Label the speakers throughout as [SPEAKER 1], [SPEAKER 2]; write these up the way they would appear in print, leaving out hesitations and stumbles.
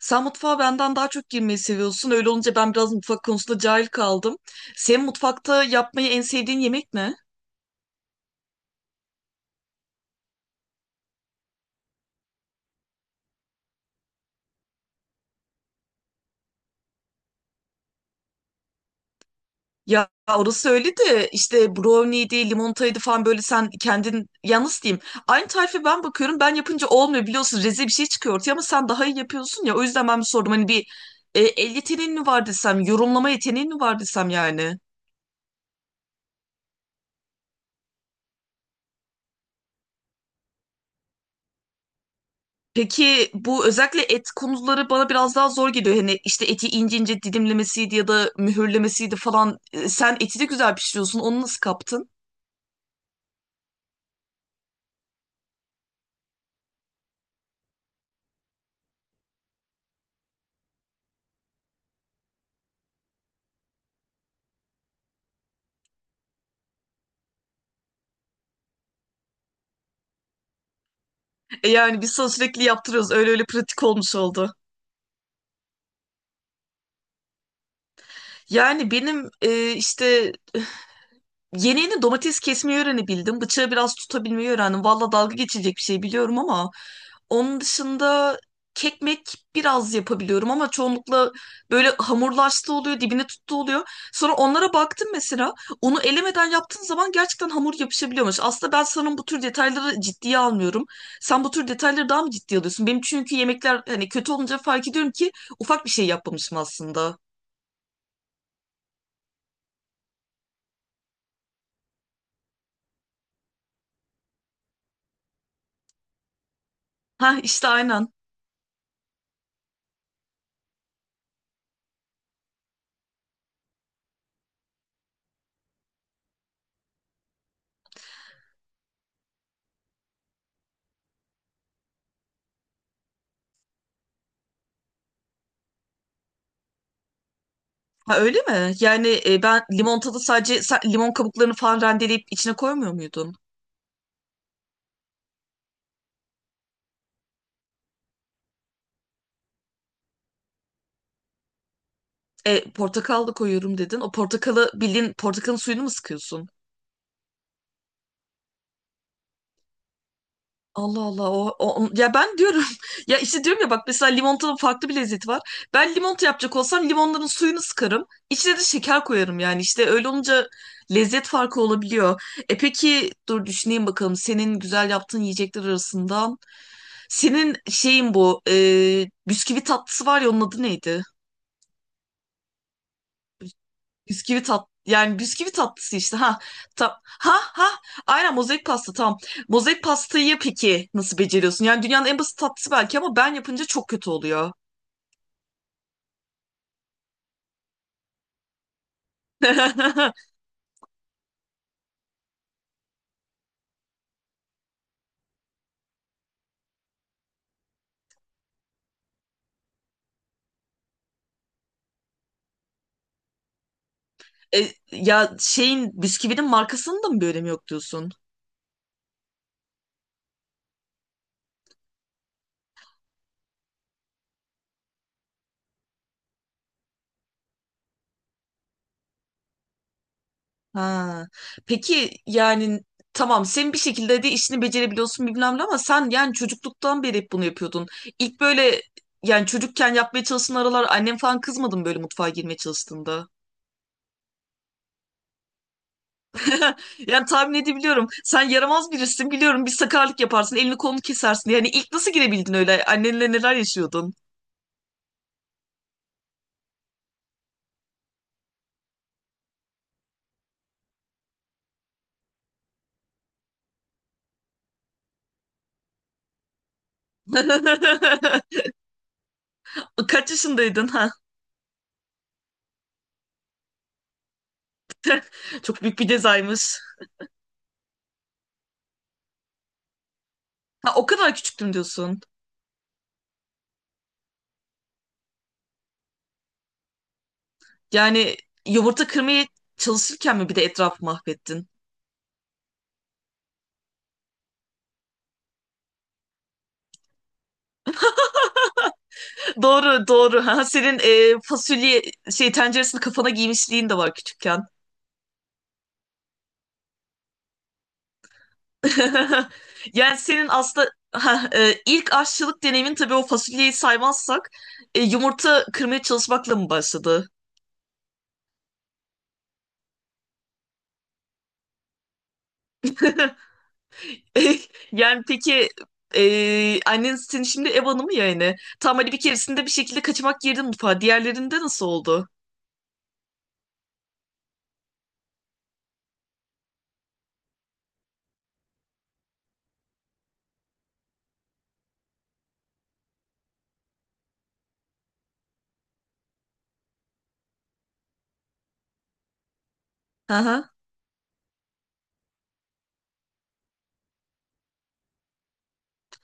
[SPEAKER 1] Sen mutfağa benden daha çok girmeyi seviyorsun. Öyle olunca ben biraz mutfak konusunda cahil kaldım. Senin mutfakta yapmayı en sevdiğin yemek ne? Ya orası öyle de işte brownie'ydi, limonataydı falan böyle sen kendin yalnız diyeyim. Aynı tarife ben bakıyorum ben yapınca olmuyor biliyorsun rezil bir şey çıkıyor ortaya ama sen daha iyi yapıyorsun ya. O yüzden ben bir sordum hani bir el yeteneğin mi var desem, yorumlama yeteneğin mi var desem yani. Peki bu özellikle et konuları bana biraz daha zor geliyor. Hani işte eti ince ince dilimlemesiydi ya da mühürlemesiydi falan. Sen eti de güzel pişiriyorsun. Onu nasıl kaptın? Yani biz sana sürekli yaptırıyoruz. Öyle öyle pratik olmuş oldu. Yani benim işte yeni yeni domates kesmeyi öğrenebildim. Bıçağı biraz tutabilmeyi öğrendim. Valla dalga geçilecek bir şey biliyorum ama onun dışında kekmek biraz yapabiliyorum ama çoğunlukla böyle hamurlaştı oluyor, dibine tuttu oluyor. Sonra onlara baktım mesela. Onu elemeden yaptığın zaman gerçekten hamur yapışabiliyormuş. Aslında ben sanırım bu tür detayları ciddiye almıyorum. Sen bu tür detayları daha mı ciddiye alıyorsun? Benim çünkü yemekler hani kötü olunca fark ediyorum ki ufak bir şey yapmamışım aslında. Ha işte aynen. Ha, öyle mi? Yani ben limonatada sadece limon kabuklarını falan rendeleyip içine koymuyor muydun? Portakal da koyuyorum dedin. O portakalı bildiğin portakalın suyunu mu sıkıyorsun? Allah Allah ya ben diyorum ya işte diyorum ya bak mesela limonatanın farklı bir lezzeti var. Ben limonata yapacak olsam limonların suyunu sıkarım. İçine de şeker koyarım yani işte öyle olunca lezzet farkı olabiliyor. E peki dur düşüneyim bakalım senin güzel yaptığın yiyecekler arasından senin şeyin bu bisküvi tatlısı var ya onun adı neydi? Bisküvi tat yani bisküvi tatlısı işte ha ta, ha ha aynen mozaik pasta tamam. Mozaik pastayı peki nasıl beceriyorsun? Yani dünyanın en basit tatlısı belki ama ben yapınca çok kötü oluyor. Ya şeyin bisküvinin markasının da mı bir önemi yok diyorsun? Ha. Peki yani tamam sen bir şekilde de işini becerebiliyorsun bilmem ne ama sen yani çocukluktan beri hep bunu yapıyordun. İlk böyle yani çocukken yapmaya çalıştığın aralar annem falan kızmadı mı böyle mutfağa girmeye çalıştığında? Yani tahmin edebiliyorum. Sen yaramaz birisin biliyorum. Bir sakarlık yaparsın, elini kolunu kesersin. Yani ilk nasıl girebildin öyle? Annenle neler yaşıyordun? Kaç yaşındaydın ha? Çok büyük bir cezaymış. Ha, o kadar küçüktüm diyorsun. Yani yumurta kırmaya çalışırken mi bir de etrafı mahvettin? Doğru, doğru. Ha, senin fasulye şey tenceresini kafana giymişliğin de var küçükken. Yani senin aslında ha, ilk aşçılık deneyimin tabii o fasulyeyi saymazsak yumurta kırmaya çalışmakla mı başladı? E, Yani peki annen senin şimdi ev hanımı ya yani. Tam hani bir keresinde bir şekilde kaçamak girdin mutfağa. Diğerlerinde nasıl oldu? Hı hı.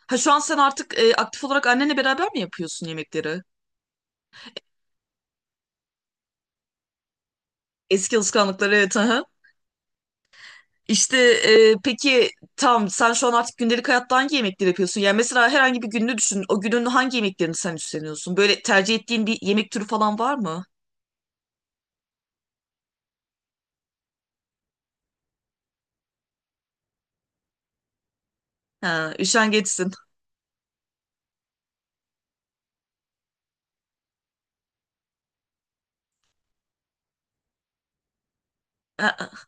[SPEAKER 1] Ha şu an sen artık aktif olarak annenle beraber mi yapıyorsun yemekleri? Eski alışkanlıklar evet. Aha. İşte peki tam sen şu an artık gündelik hayatta hangi yemekleri yapıyorsun? Yani mesela herhangi bir gününü düşün. O günün hangi yemeklerini sen üstleniyorsun? Böyle tercih ettiğin bir yemek türü falan var mı? Ha, üşengeçsin. Aa.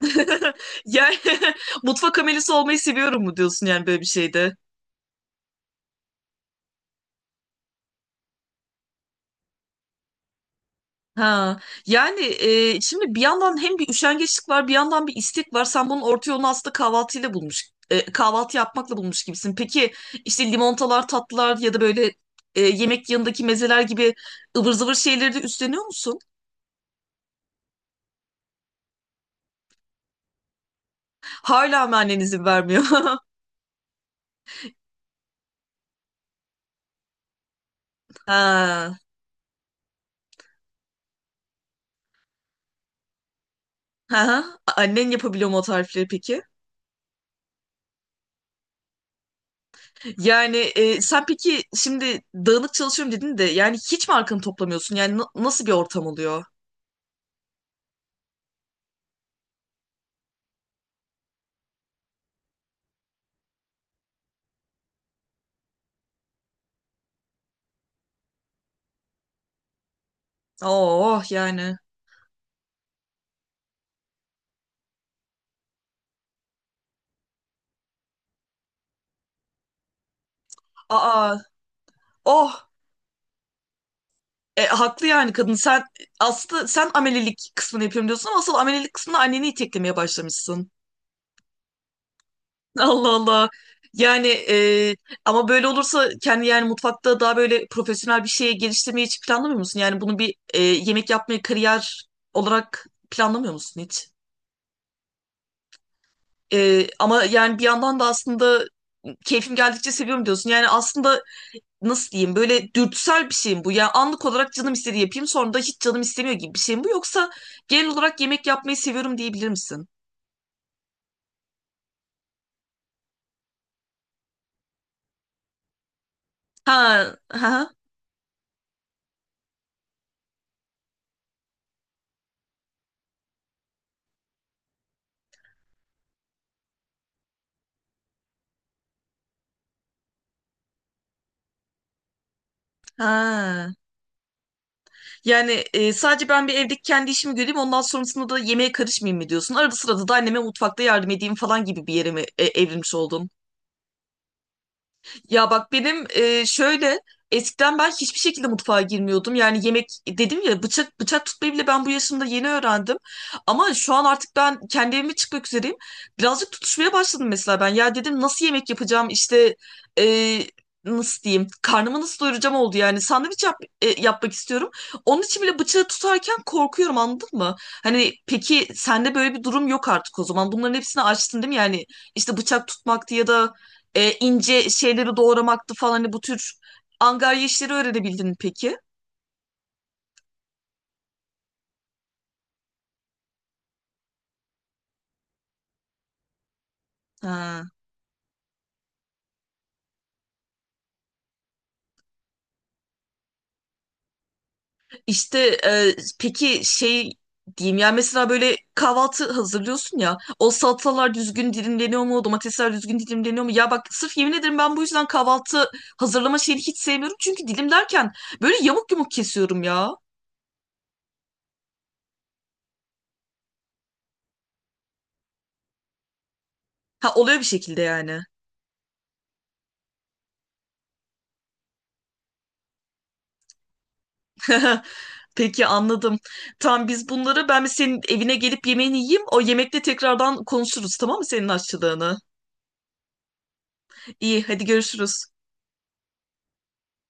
[SPEAKER 1] Yani mutfak amelisi olmayı seviyorum mu diyorsun yani böyle bir şeyde? Ha, yani şimdi bir yandan hem bir üşengeçlik var, bir yandan bir istek var. Sen bunun orta yolunu aslında kahvaltıyla bulmuş, kahvaltı yapmakla bulmuş gibisin. Peki işte limonatalar, tatlılar ya da böyle yemek yanındaki mezeler gibi ıvır zıvır şeyleri de üstleniyor musun? Hala mı annen izin vermiyor? Ha. Ha, annen yapabiliyor mu o tarifleri peki? Yani sen peki şimdi dağınık çalışıyorum dedin de yani hiç mi arkanı toplamıyorsun? Yani nasıl bir ortam oluyor? Oh oh, yani. Aa, oh. Haklı yani kadın. Sen aslında amelelik kısmını yapıyorum diyorsun ama asıl amelelik kısmında anneni iteklemeye başlamışsın. Allah Allah. Yani ama böyle olursa kendi yani mutfakta daha böyle profesyonel bir şeye geliştirmeyi hiç planlamıyor musun? Yani bunu bir yemek yapmayı kariyer olarak planlamıyor musun hiç? Ama yani bir yandan da aslında keyfim geldikçe seviyorum diyorsun. Yani aslında nasıl diyeyim böyle dürtüsel bir şey mi bu? Yani anlık olarak canım istediği yapayım sonra da hiç canım istemiyor gibi bir şey mi bu? Yoksa genel olarak yemek yapmayı seviyorum diyebilir misin? Ha, ha, ha. Yani sadece ben bir evdeki kendi işimi göreyim ondan sonrasında da yemeğe karışmayayım mı diyorsun? Arada sırada da anneme mutfakta yardım edeyim falan gibi bir yere mi evrilmiş oldun? Ya bak benim şöyle eskiden ben hiçbir şekilde mutfağa girmiyordum. Yani yemek dedim ya bıçak tutmayı bile ben bu yaşımda yeni öğrendim. Ama şu an artık ben kendi evime çıkmak üzereyim. Birazcık tutuşmaya başladım mesela ben. Ya dedim nasıl yemek yapacağım işte e, nasıl diyeyim karnımı nasıl doyuracağım oldu yani. Yapmak istiyorum. Onun için bile bıçağı tutarken korkuyorum anladın mı? Hani peki sende böyle bir durum yok artık o zaman. Bunların hepsini açtın değil mi? Yani işte bıçak tutmaktı ya da ince şeyleri doğramaktı falan hani bu tür angarya işleri öğrenebildin mi peki? Ha. İşte e, peki şey diyeyim yani mesela böyle kahvaltı hazırlıyorsun ya o salatalar düzgün dilimleniyor mu domatesler düzgün dilimleniyor mu ya bak sırf yemin ederim ben bu yüzden kahvaltı hazırlama şeyini hiç sevmiyorum çünkü dilimlerken böyle yamuk yumuk kesiyorum ya. Ha oluyor bir şekilde yani. Peki anladım. Tamam biz bunları ben bir senin evine gelip yemeğini yiyeyim. O yemekte tekrardan konuşuruz tamam mı senin aşçılığını? İyi, hadi görüşürüz.